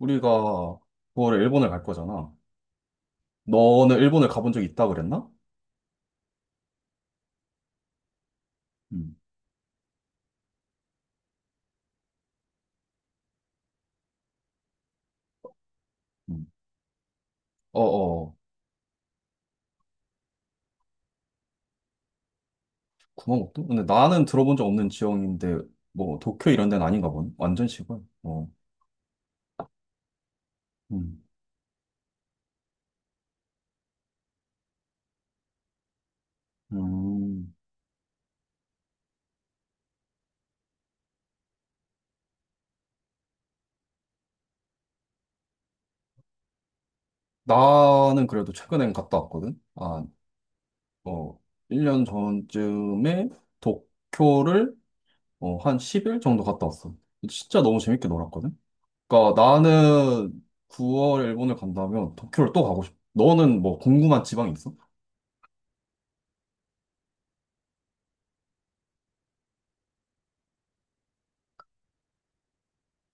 우리가 9월에 일본을 갈 거잖아. 너는 일본을 가본 적 있다 그랬나? 음, 음. 어, 어. 구마모토? 근데 나는 들어본 적 없는 지역인데, 뭐, 도쿄 이런 데는 아닌가 보네. 완전 시골. 어, 음, 음. 나는 그래도 최근엔 갔다 왔거든. 어, 1년 전쯤에 도쿄를 한 10일 정도 갔다 왔어. 진짜 너무 재밌게 놀았거든. 그러니까 나는 9월 일본을 간다면 도쿄를 또 가고 싶어. 너는 뭐 궁금한 지방 있어?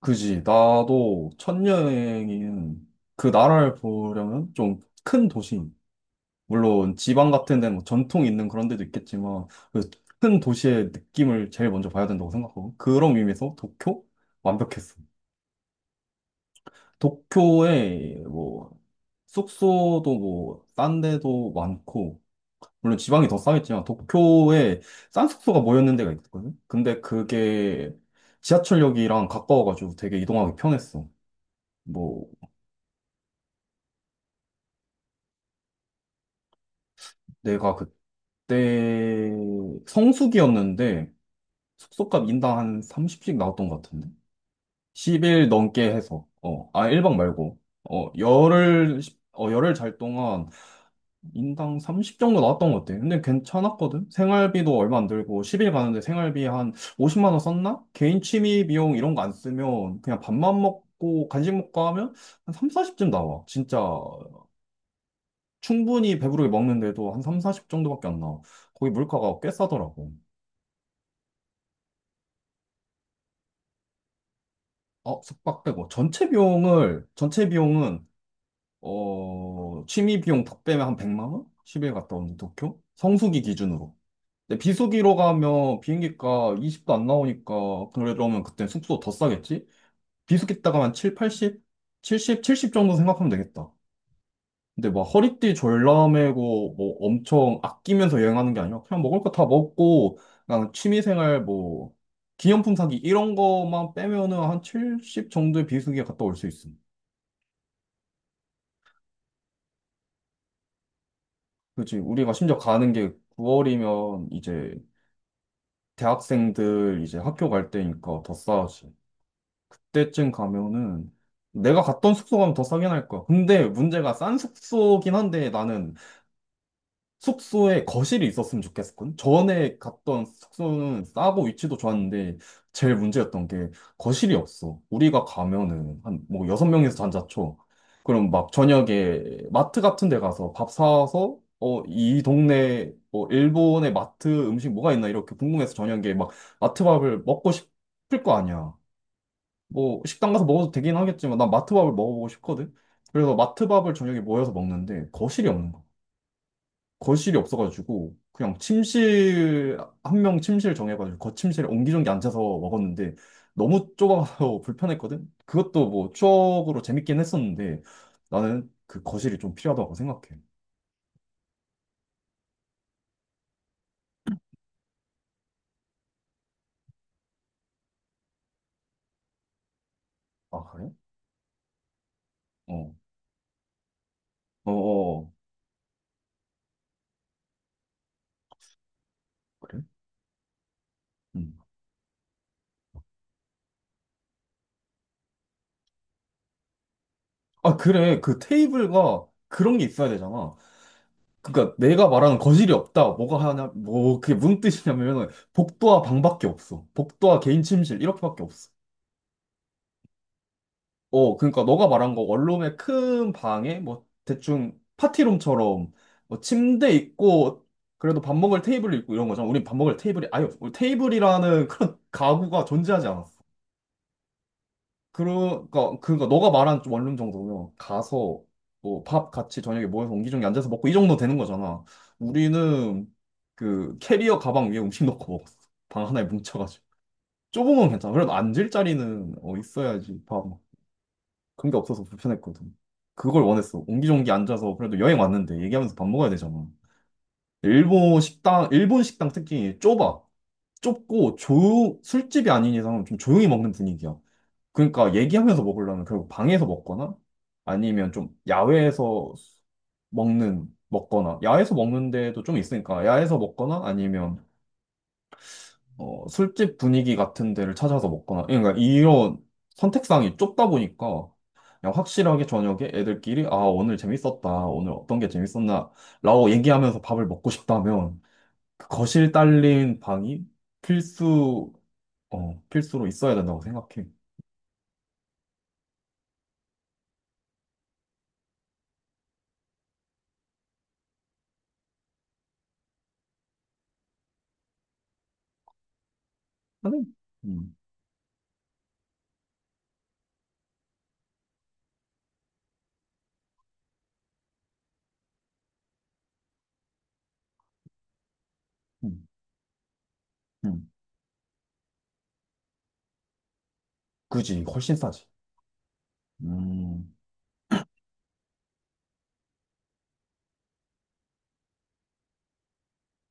그지. 나도 첫 여행인 그 나라를 보려면 좀 큰 도시, 물론 지방 같은 데는 뭐 전통 있는 그런 데도 있겠지만, 그 큰 도시의 느낌을 제일 먼저 봐야 된다고 생각하고, 그런 의미에서 도쿄? 완벽했어. 도쿄에 뭐, 숙소도 뭐, 싼 데도 많고, 물론 지방이 더 싸겠지만, 도쿄에 싼 숙소가 모였는 데가 있거든? 근데 그게 지하철역이랑 가까워가지고 되게 이동하기 편했어. 뭐, 내가 그때 성수기였는데 숙소값 인당 한 30씩 나왔던 것 같은데? 10일 넘게 해서, 1박 말고, 어, 열흘, 열흘 잘 동안 인당 30 정도 나왔던 것 같아. 근데 괜찮았거든? 생활비도 얼마 안 들고, 10일 가는데 생활비 한 50만 원 썼나? 개인 취미 비용 이런 거 안 쓰면 그냥 밥만 먹고 간식 먹고 하면 한 3, 40쯤 나와. 진짜 충분히 배부르게 먹는데도 한 3, 40 정도밖에 안 나와. 거기 물가가 꽤 싸더라고. 숙박 빼고. 전체 비용은, 취미 비용 다 빼면 한 100만 원? 10일 갔다 오는 도쿄? 성수기 기준으로. 근데 비수기로 가면 비행기가 20도 안 나오니까, 그러면 그때 숙소 더 싸겠지? 비수기 따가 한 7, 팔0 칠십 칠0 정도 생각하면 되겠다. 근데 막 허리띠 졸라매고 뭐 엄청 아끼면서 여행하는 게 아니라 그냥 먹을 거 다 먹고 그냥 취미생활 뭐 기념품 사기 이런 거만 빼면은 한 70 정도의 비수기에 갔다 올 수 있음. 그렇지. 우리가 심지어 가는 게 9월이면 이제 대학생들 이제 학교 갈 때니까 더 싸지. 그때쯤 가면은 내가 갔던 숙소 가면 더 싸게 날 거야. 근데 문제가 싼 숙소긴 한데 나는 숙소에 거실이 있었으면 좋겠군. 전에 갔던 숙소는 싸고 위치도 좋았는데 제일 문제였던 게 거실이 없어. 우리가 가면은 한 뭐 6명이서 잔다 쳐. 그럼 막 저녁에 마트 같은 데 가서 밥 사와서 이 동네 뭐 일본의 마트 음식 뭐가 있나 이렇게 궁금해서 저녁에 막 마트 밥을 먹고 싶을 거 아니야. 뭐 식당 가서 먹어도 되긴 하겠지만 난 마트 밥을 먹어보고 싶거든. 그래서 마트 밥을 저녁에 모여서 먹는데 거실이 없는 거야. 거실이 없어가지고 그냥 침실 한 명 침실 정해가지고 거침실에 옹기종기 앉아서 먹었는데 너무 좁아서 불편했거든. 그것도 뭐 추억으로 재밌긴 했었는데 나는 그 거실이 좀 필요하다고 생각해. 아 그래? 어, 어, 어, 그래? 음. 아 그래, 그 테이블과 그런 게 있어야 되잖아. 그러니까 내가 말하는 거실이 없다. 뭐가 하냐? 뭐 그게 무슨 뜻이냐면 복도와 방밖에 없어. 복도와 개인 침실 이렇게밖에 없어. 그러니까 너가 말한 거 원룸의 큰 방에 뭐 대충 파티룸처럼 뭐 침대 있고 그래도 밥 먹을 테이블 있고 이런 거잖아. 우린 밥 먹을 테이블이 아예 우리 테이블이라는 그런 가구가 존재하지 않았어. 그러니까 너가 말한 원룸 정도면 가서 뭐 밥 같이 저녁에 모여서 옹기종기 앉아서 먹고 이 정도 되는 거잖아. 우리는 그 캐리어 가방 위에 음식 넣고 먹었어. 방 하나에 뭉쳐가지고. 좁은 건 괜찮아. 그래도 앉을 자리는 있어야지. 그런 게 없어서 불편했거든. 그걸 원했어. 옹기종기 앉아서 그래도 여행 왔는데 얘기하면서 밥 먹어야 되잖아. 일본 식당 특징이 좁아. 좁고 조 술집이 아닌 이상은 좀 조용히 먹는 분위기야. 그러니까 얘기하면서 먹으려면 결국 방에서 먹거나 아니면 좀 야외에서 먹는 먹거나 야외에서 먹는 데도 좀 있으니까 야외에서 먹거나 아니면 술집 분위기 같은 데를 찾아서 먹거나, 그러니까 이런 선택상이 좁다 보니까, 그냥 확실하게 저녁에 애들끼리, 아, 오늘 재밌었다, 오늘 어떤 게 재밌었나, 라고 얘기하면서 밥을 먹고 싶다면, 그 거실 딸린 방이 필수, 필수로 있어야 된다고 생각해. 나는, 음, 음, 음. 그지, 훨씬 싸지. 음,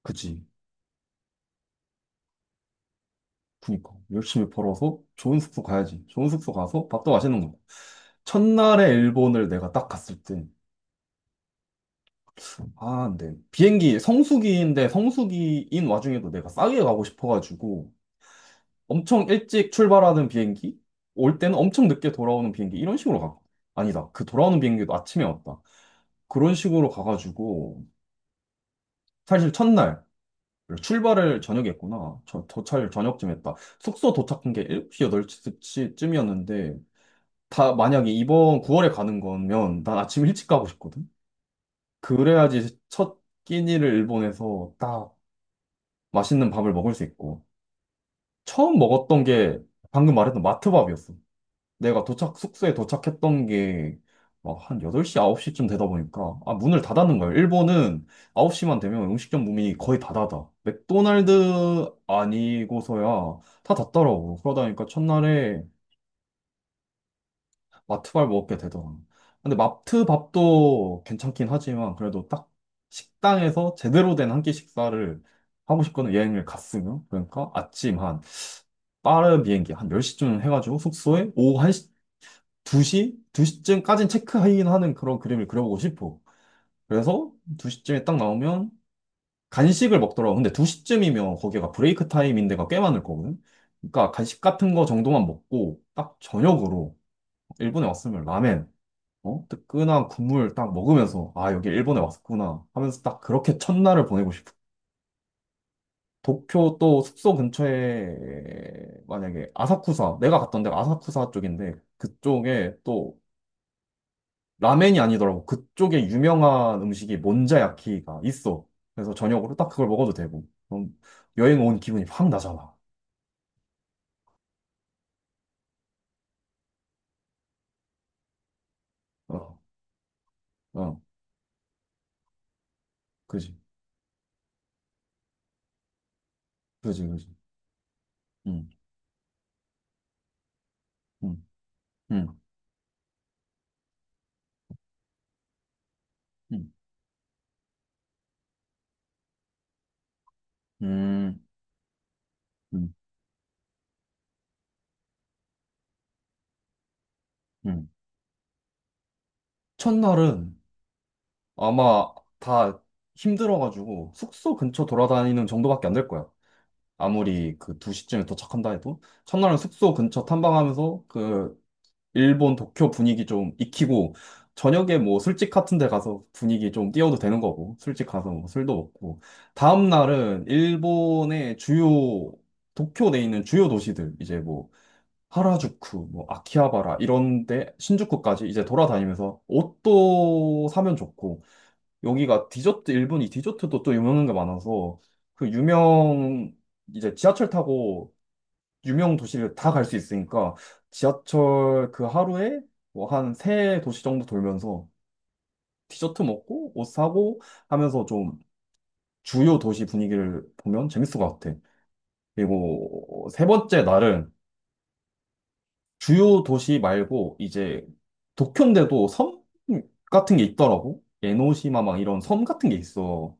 그지. 그니까. 열심히 벌어서 좋은 숙소 가야지. 좋은 숙소 가서 밥도 맛있는 거. 고 첫날에 일본을 내가 딱 갔을 때, 아, 네. 비행기 성수기인데 성수기인 와중에도 내가 싸게 가고 싶어가지고 엄청 일찍 출발하는 비행기, 올 때는 엄청 늦게 돌아오는 비행기 이런 식으로 가. 아니다. 그 돌아오는 비행기도 아침에 왔다. 그런 식으로 가가지고 사실 첫날 출발을 저녁에 했구나. 도착을 저녁쯤 했다. 숙소 도착한 게 7시, 8시쯤이었는데 다 만약에 이번 9월에 가는 거면 난 아침 일찍 가고 싶거든. 그래야지 첫 끼니를 일본에서 딱 맛있는 밥을 먹을 수 있고. 처음 먹었던 게 방금 말했던 마트밥이었어. 숙소에 도착했던 게 막 한 8시, 9시쯤 되다 보니까, 아, 문을 닫았는 거예요. 일본은 9시만 되면 음식점 문이 거의 다 닫아. 맥도날드 아니고서야 다 닫더라고. 그러다니까 첫날에 마트밥 먹게 되더라. 근데 마트밥도 괜찮긴 하지만, 그래도 딱 식당에서 제대로 된 한 끼 식사를 하고 싶거든, 여행을 갔으면. 그러니까 아침 한 빠른 비행기 한 10시쯤 해가지고 숙소에 오후 한시 2시? 2시쯤까지는 체크인 하는 그런 그림을 그려보고 싶어. 그래서 2시쯤에 딱 나오면 간식을 먹더라고. 근데 2시쯤이면 거기가 브레이크 타임인 데가 꽤 많을 거거든. 그러니까 간식 같은 거 정도만 먹고 딱 저녁으로 일본에 왔으면 라멘, 어? 뜨끈한 국물 딱 먹으면서 아, 여기 일본에 왔구나 하면서 딱 그렇게 첫날을 보내고 싶어. 도쿄 또 숙소 근처에 만약에 아사쿠사, 내가 갔던 데가 아사쿠사 쪽인데 그쪽에 또 라멘이 아니더라고. 그쪽에 유명한 음식이 몬자야키가 있어. 그래서 저녁으로 딱 그걸 먹어도 되고. 그럼 여행 온 기분이 확 나잖아. 어, 어, 그지, 그지, 그지. 응, 응, 응, 응, 응, 응, 응. 첫날은 아마 다 힘들어가지고 숙소 근처 돌아다니는 정도밖에 안 될 거야. 아무리 그 2시쯤에 도착한다 해도 첫날은 숙소 근처 탐방하면서 그 일본 도쿄 분위기 좀 익히고 저녁에 뭐 술집 같은 데 가서 분위기 좀 띄워도 되는 거고 술집 가서 뭐 술도 먹고 다음 날은 일본의 주요 도쿄 내에 있는 주요 도시들 이제 뭐 하라주쿠, 뭐 아키하바라 이런 데 신주쿠까지 이제 돌아다니면서 옷도 사면 좋고 여기가 디저트, 일본이 디저트도 또 유명한 게 많아서 그 유명, 이제 지하철 타고 유명 도시를 다 갈 수 있으니까 지하철 그 하루에 뭐 한 세 도시 정도 돌면서 디저트 먹고 옷 사고 하면서 좀 주요 도시 분위기를 보면 재밌을 것 같아. 그리고 세 번째 날은 주요 도시 말고 이제 도쿄인데도 섬 같은 게 있더라고. 에노시마 막 이런 섬 같은 게 있어.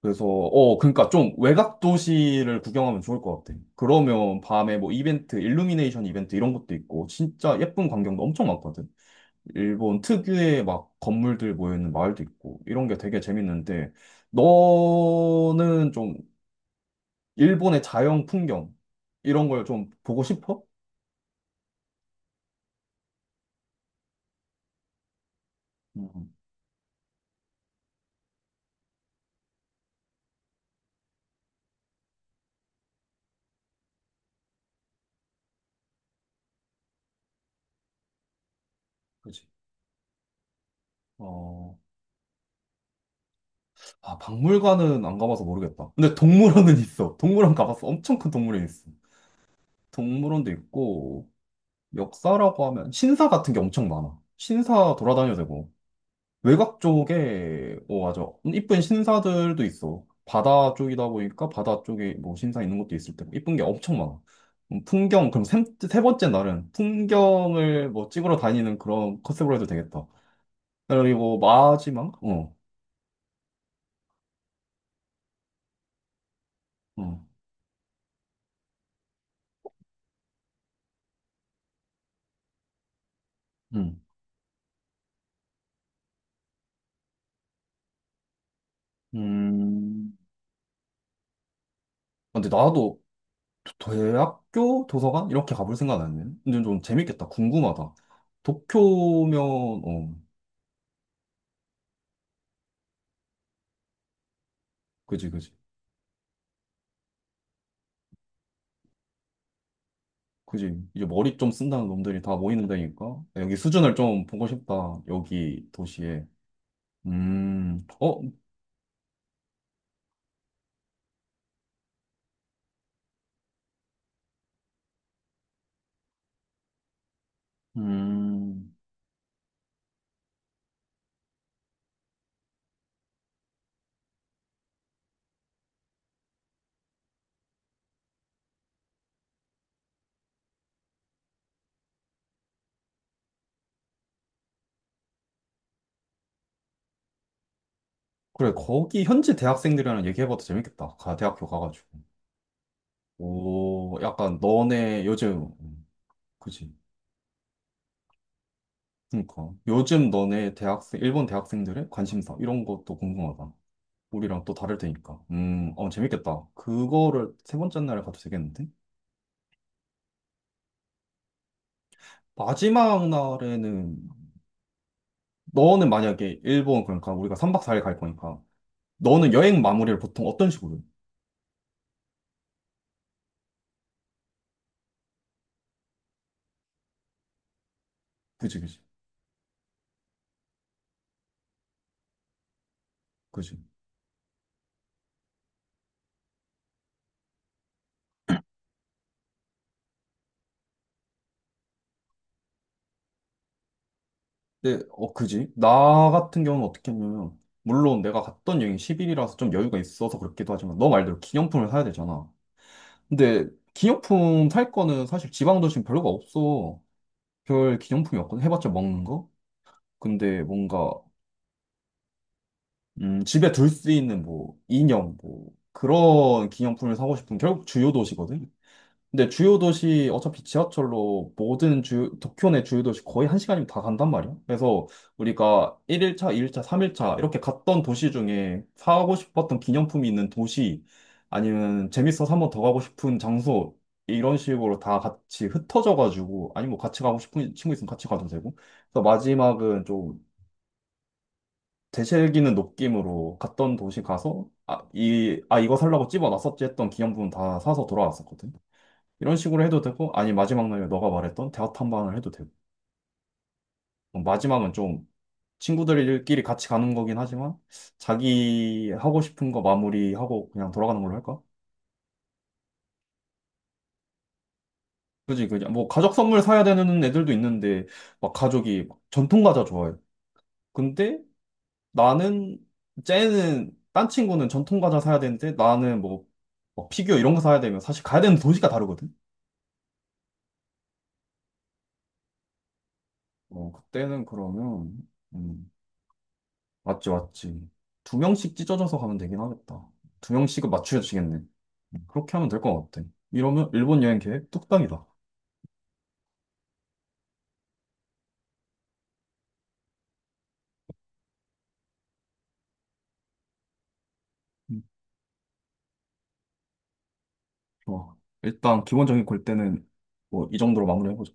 그래서 그러니까 좀 외곽 도시를 구경하면 좋을 것 같아. 그러면 밤에 뭐 이벤트, 일루미네이션 이벤트 이런 것도 있고 진짜 예쁜 광경도 엄청 많거든. 일본 특유의 막 건물들 모여 있는 마을도 있고 이런 게 되게 재밌는데 너는 좀 일본의 자연 풍경 이런 걸 좀 보고 싶어? 음, 그치. 어, 박물관은 안 가봐서 모르겠다. 근데 동물원은 있어. 동물원 가봤어. 엄청 큰 동물원 있어. 동물원도 있고 역사라고 하면 신사 같은 게 엄청 많아. 신사 돌아다녀도 되고 외곽 쪽에 맞아 이쁜 신사들도 있어. 바다 쪽이다 보니까 바다 쪽에 뭐 신사 있는 것도 있을 테고 이쁜 게 엄청 많아. 풍경 그럼 세 번째 날은 풍경을 뭐 찍으러 다니는 그런 컨셉으로 해도 되겠다. 그리고 마지막 어, 어, 음, 음. 근데 나도 대학교 도서관 이렇게 가볼 생각 안 했네. 근데 좀 재밌겠다. 궁금하다. 도쿄면 어. 그지, 그지. 그지. 이제 머리 좀 쓴다는 놈들이 다 모이는 데니까. 여기 수준을 좀 보고 싶다. 여기 도시에. 어, 음. 그래, 거기 현지 대학생들이랑 얘기해봐도 재밌겠다. 대학교 가가지고. 오, 약간 너네 요즘, 그지. 그니까. 요즘 일본 대학생들의 관심사, 이런 것도 궁금하다. 우리랑 또 다를 테니까. 재밌겠다. 그거를 세 번째 날에 가도 되겠는데? 마지막 날에는 너는 만약에 일본 그러니까 우리가 3박 4일 갈 거니까 너는 여행 마무리를 보통 어떤 식으로 해? 그지 그지 그지 근데 그지 나 같은 경우는 어떻게 했냐면 물론 내가 갔던 여행이 10일이라서 좀 여유가 있어서 그렇기도 하지만 너 말대로 기념품을 사야 되잖아 근데 기념품 살 거는 사실 지방 도시는 별로가 없어 별 기념품이 없거든 해봤자 먹는 거 근데 뭔가 집에 둘 수 있는 뭐 인형 뭐 그런 기념품을 사고 싶은 결국 주요 도시거든 근데 주요 도시 어차피 지하철로 모든 주 도쿄 내 주요 도시 거의 1시간이면 다 간단 말이야. 그래서 우리가 1일차, 2일차, 3일차 이렇게 갔던 도시 중에 사고 싶었던 기념품이 있는 도시 아니면 재밌어서 한 번 더 가고 싶은 장소 이런 식으로 다 같이 흩어져가지고 아니면 뭐 같이 가고 싶은 친구 있으면 같이 가도 되고. 그래서 마지막은 좀 되새기는 느낌으로 갔던 도시 가서 아, 이거 살라고 집어놨었지 했던 기념품 다 사서 돌아왔었거든. 이런 식으로 해도 되고, 아니, 마지막 날에 너가 말했던 대화 탐방을 해도 되고. 뭐 마지막은 좀 친구들끼리 같이 가는 거긴 하지만, 자기 하고 싶은 거 마무리하고 그냥 돌아가는 걸로 할까? 그지, 그지. 뭐, 가족 선물 사야 되는 애들도 있는데, 막 가족이 막 전통 과자 좋아해. 근데 나는, 딴 친구는 전통 과자 사야 되는데, 나는 뭐, 피규어 이런 거 사야 되면 사실 가야 되는 도시가 다르거든? 그때는 그러면, 음, 맞지, 맞지. 2명씩 찢어져서 가면 되긴 하겠다. 2명씩은 맞추어지겠네. 그렇게 하면 될 것 같아. 이러면 일본 여행 계획 뚝딱이다. 음, 좋아. 일단 기본적인 골대는 뭐 이 정도로 마무리해보자.